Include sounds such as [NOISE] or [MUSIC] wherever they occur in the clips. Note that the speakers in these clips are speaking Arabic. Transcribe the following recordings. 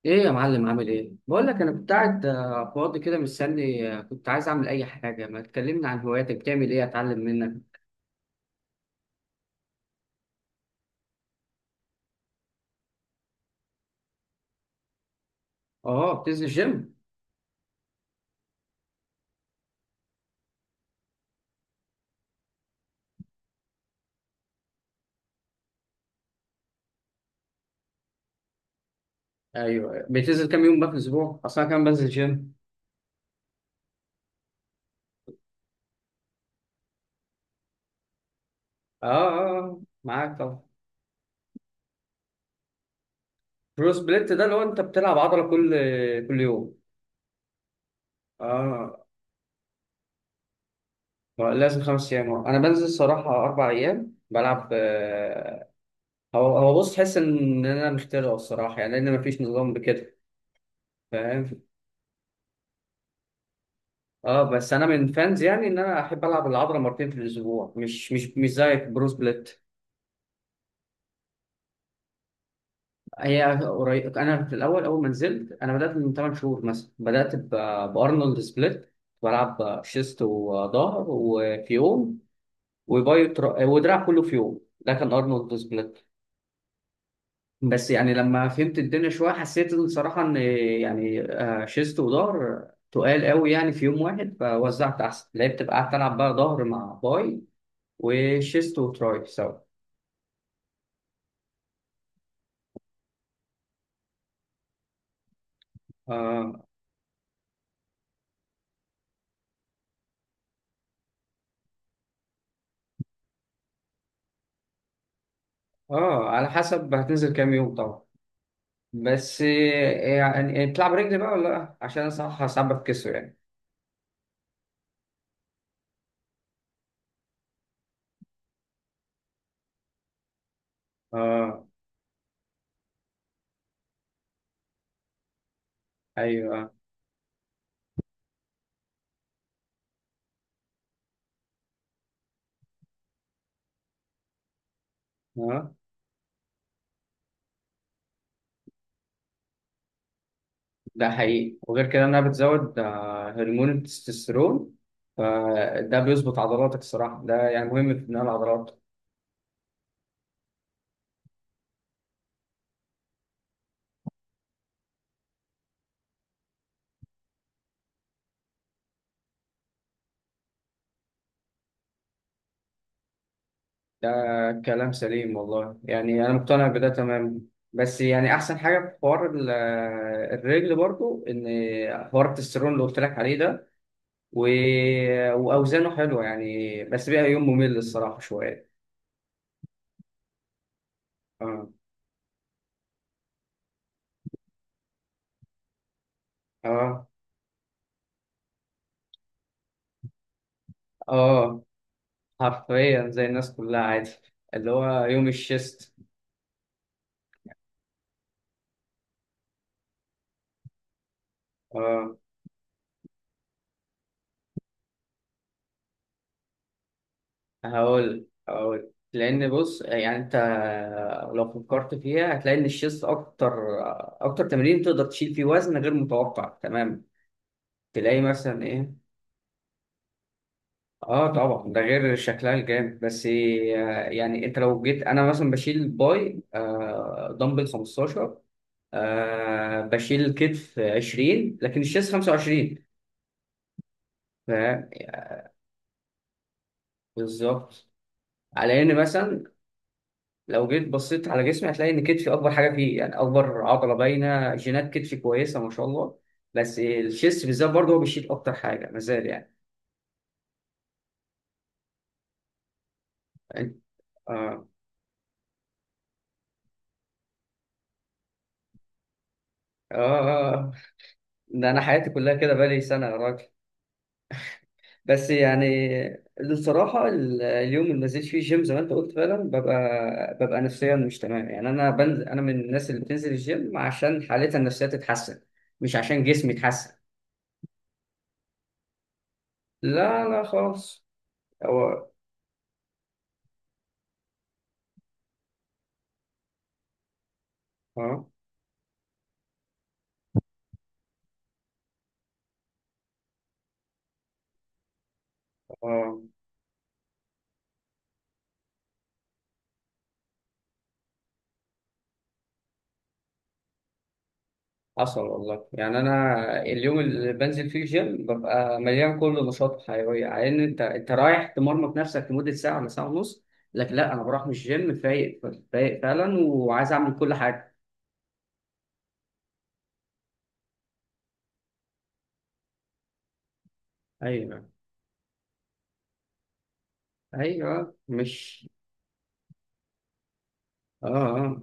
ايه يا معلم؟ عامل ايه؟ بقول لك انا كنت قاعد فاضي كده مستني، كنت عايز اعمل اي حاجه. ما تكلمني عن هواياتك؟ بتعمل ايه اتعلم منك. اه، بتنزل جيم. ايوه، بتنزل كام يوم بقى في الاسبوع؟ اصلا كام بنزل جيم؟ معاك طبعا. برو سبليت ده لو انت بتلعب عضله كل يوم. اه، ما لازم خمس ايام. انا بنزل صراحه اربع ايام بلعب، هو بص، تحس ان انا مخترع الصراحه يعني، لان مفيش نظام بكده. فاهم. اه، بس انا من فانز يعني ان انا احب العب العضله مرتين في الاسبوع، مش زيك برو سبليت. هي قريب، انا في الاول، اول ما نزلت، انا بدات من 8 شهور مثلا. بارنولد سبليت. بلعب شيست وظهر وفي يوم، وباي ودراع كله في يوم. ده كان ارنولد سبليت. بس يعني لما فهمت الدنيا شويه، حسيت إن صراحه ان يعني، شيست وظهر تقال قوي يعني في يوم واحد. فوزعت احسن، لعبت بقى، قعدت العب بقى ظهر مع باي، وشيست وتراي سوا. اه. اه، على حسب هتنزل كام يوم طبعا. بس، يعني يعني بتلعب رجل بقى ولا لا؟ عشان انا صراحه ساعات بتكسر يعني. اه. ايوه. اه. ده حقيقي. وغير كده انها بتزود، هرمون التستوستيرون. فده بيظبط عضلاتك الصراحه، ده يعني مهم في بناء العضلات. ده كلام سليم والله، يعني انا مقتنع بده تمام. بس يعني احسن حاجه في حوار الرجل برضو ان حوار التستيرون اللي قلت لك عليه ده و... واوزانه حلوه يعني. بس بقى يوم ممل الصراحه شويه. اه. اه. اه، حرفيا زي الناس كلها عادي، اللي هو يوم الشيست. اه. هقول لان بص يعني انت لو فكرت فيها هتلاقي ان الشيست اكتر تمرين تقدر تشيل فيه وزن غير متوقع، تمام. تلاقي مثلا ايه. اه طبعا، ده غير شكلها الجامد. بس، يعني انت لو جيت، انا مثلا بشيل باي آه دمبل 15، آه بشيل الكتف 20، لكن الشيست 25. فاهم يعني. بالظبط. على ان مثلا لو جيت بصيت على جسمي هتلاقي ان كتفي اكبر حاجه فيه، يعني اكبر عضله باينه، جينات كتفي كويسه ما شاء الله. بس الشيست بالذات برضه هو بيشيل اكتر حاجه مازال يعني. يعني. آه. آه. آه. آه. ده انا حياتي كلها كده بقالي سنه يا راجل. بس يعني الصراحة، اليوم اللي ما نزلتش فيه الجيم زي ما انت قلت فعلا، ببقى نفسيا مش تمام. يعني انا بنزل، انا من الناس اللي بتنزل الجيم عشان حالتها النفسية تتحسن، مش عشان جسمي يتحسن. لا خالص. هو. اه. اه، حصل والله. يعني انا اليوم اللي بنزل فيه الجيم ببقى مليان كل نشاط وحيوية، على ان انت انت رايح تمرمط نفسك لمدة ساعة ولا ساعة ونص. لكن لا، انا بروح من الجيم فايق، فايق فعلا، وعايز اعمل كل حاجة. ايوه ايوه مش. اه. اه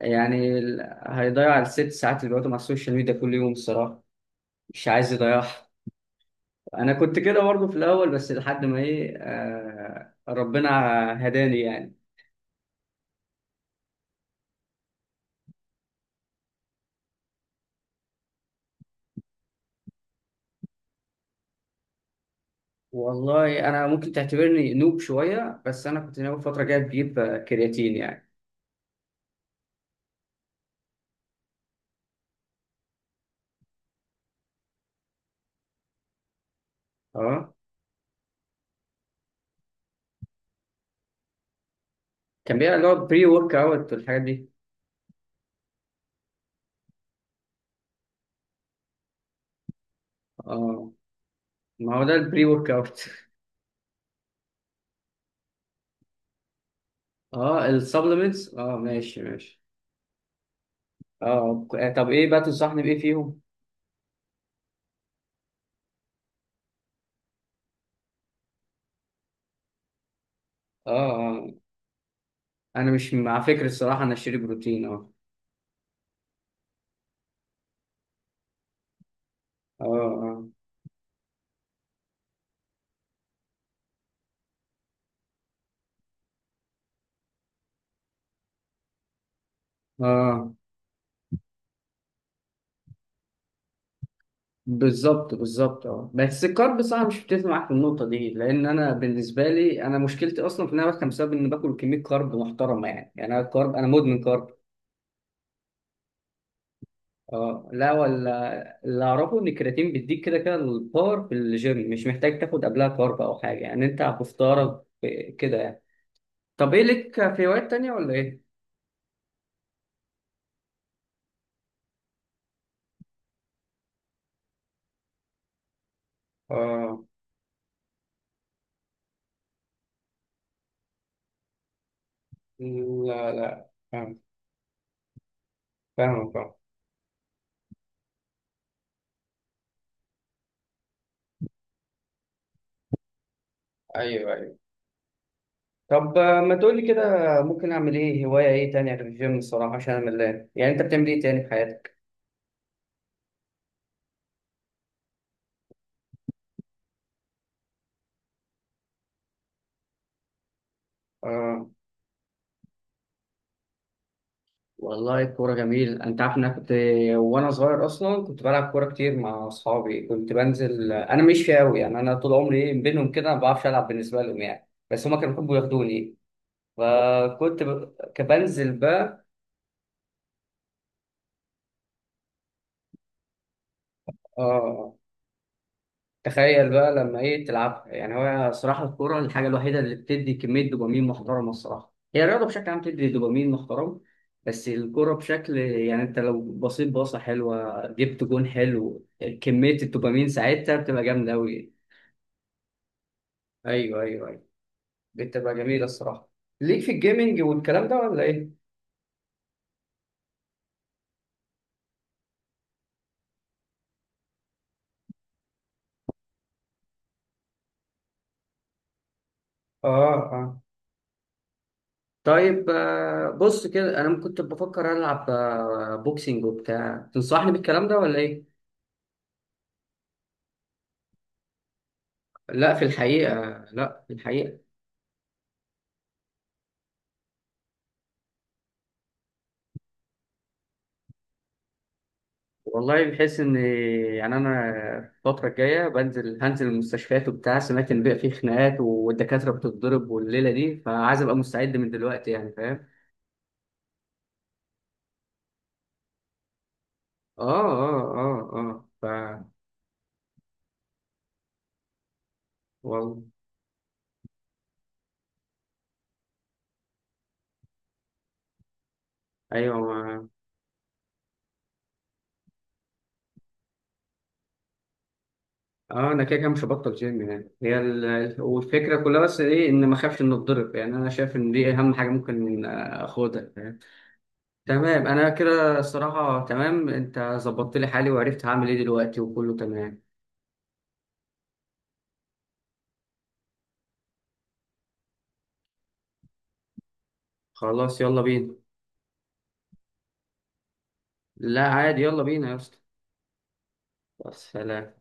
يعني هيضيع الست ساعات اللي بيقعدوا مع السوشيال ميديا كل يوم الصراحه. مش عايز يضيعها. انا كنت كده برضه في الاول، بس لحد ما ايه آه ربنا هداني يعني. والله انا ممكن تعتبرني نوب شويه، بس انا كنت ناوي فتره جايه بجيب، كرياتين يعني. اه، كان بيبقى اللي هو بري ورك اوت والحاجات دي. اه، ما هو ده البري ورك اوت. [LAUGHS] اه، السبلمنتس، اه ماشي ماشي. اه، طب ايه بقى تنصحني بايه فيهم؟ اه. انا مش مع فكره الصراحه انا اشتري بروتين. اه. اه. اه. اه بالظبط بالظبط. اه بس الكارب، صح، مش بتفق معاك في النقطه دي. لان انا بالنسبه لي، انا مشكلتي اصلا في ان انا بفهم بسبب ان باكل كميه كارب محترمه يعني. يعني انا الكارب، انا مدمن كارب. اه لا، ولا اللي اعرفه ان الكرياتين بيديك كده كده الباور في الجيم، مش محتاج تاخد قبلها كارب او حاجه يعني. انت بفطارك كده يعني. طب ايه؟ لك في هوايات تانيه ولا ايه؟ اه. لا لا فاهم. فاهم. ايوه. طب، ما تقولي كده ممكن اعمل ايه؟ هواية ايه تانية غير الجيم الصراحة؟ عشان انا ملان يعني. انت بتعمل ايه تاني في حياتك؟ آه. والله الكورة جميل. أنت عارف إن أنا كنت، وأنا صغير أصلا، كنت بلعب كورة كتير مع أصحابي. كنت بنزل، أنا مش أوي يعني، أنا طول عمري إيه بينهم كده، ما بعرفش ألعب بالنسبة لهم يعني. بس هما كانوا بيحبوا ياخدوني. فكنت كنت بنزل بقى. آه، تخيل بقى لما ايه تلعبها يعني. هو صراحه الكوره الحاجه الوحيده اللي بتدي كميه دوبامين محترمه الصراحه. هي الرياضه بشكل عام بتدي دوبامين محترم، بس الكوره بشكل يعني انت لو بصيت باصه حلوه، جبت جون حلو، كميه الدوبامين ساعتها بتبقى جامده قوي. ايوه، بتبقى جميله الصراحه. ليك في الجيمنج والكلام ده ولا ايه؟ اه. اه، طيب. بص كده، انا كنت بفكر العب، بوكسينج وبتاع. تنصحني بالكلام ده ولا ايه؟ لا في الحقيقه. لا في الحقيقه. والله بحيث ان، يعني انا الفتره الجايه بنزل، هنزل المستشفيات وبتاع. سمعت ان بقى فيه خناقات والدكاتره بتتضرب والليله دي، فعايز ابقى مستعد من دلوقتي يعني. فاهم. اه ف. والله. ايوه. ما اه، انا كده كده مش هبطل جيم يعني. هي والفكره كلها بس ايه، ان ما اخافش ان اتضرب. يعني انا شايف ان دي اهم حاجه ممكن اخدها. فاهم. تمام، انا كده الصراحه تمام، انت ظبطت لي حالي وعرفت هعمل ايه دلوقتي وكله تمام. خلاص يلا بينا. لا عادي، يلا بينا يا اسطى. بس سلام.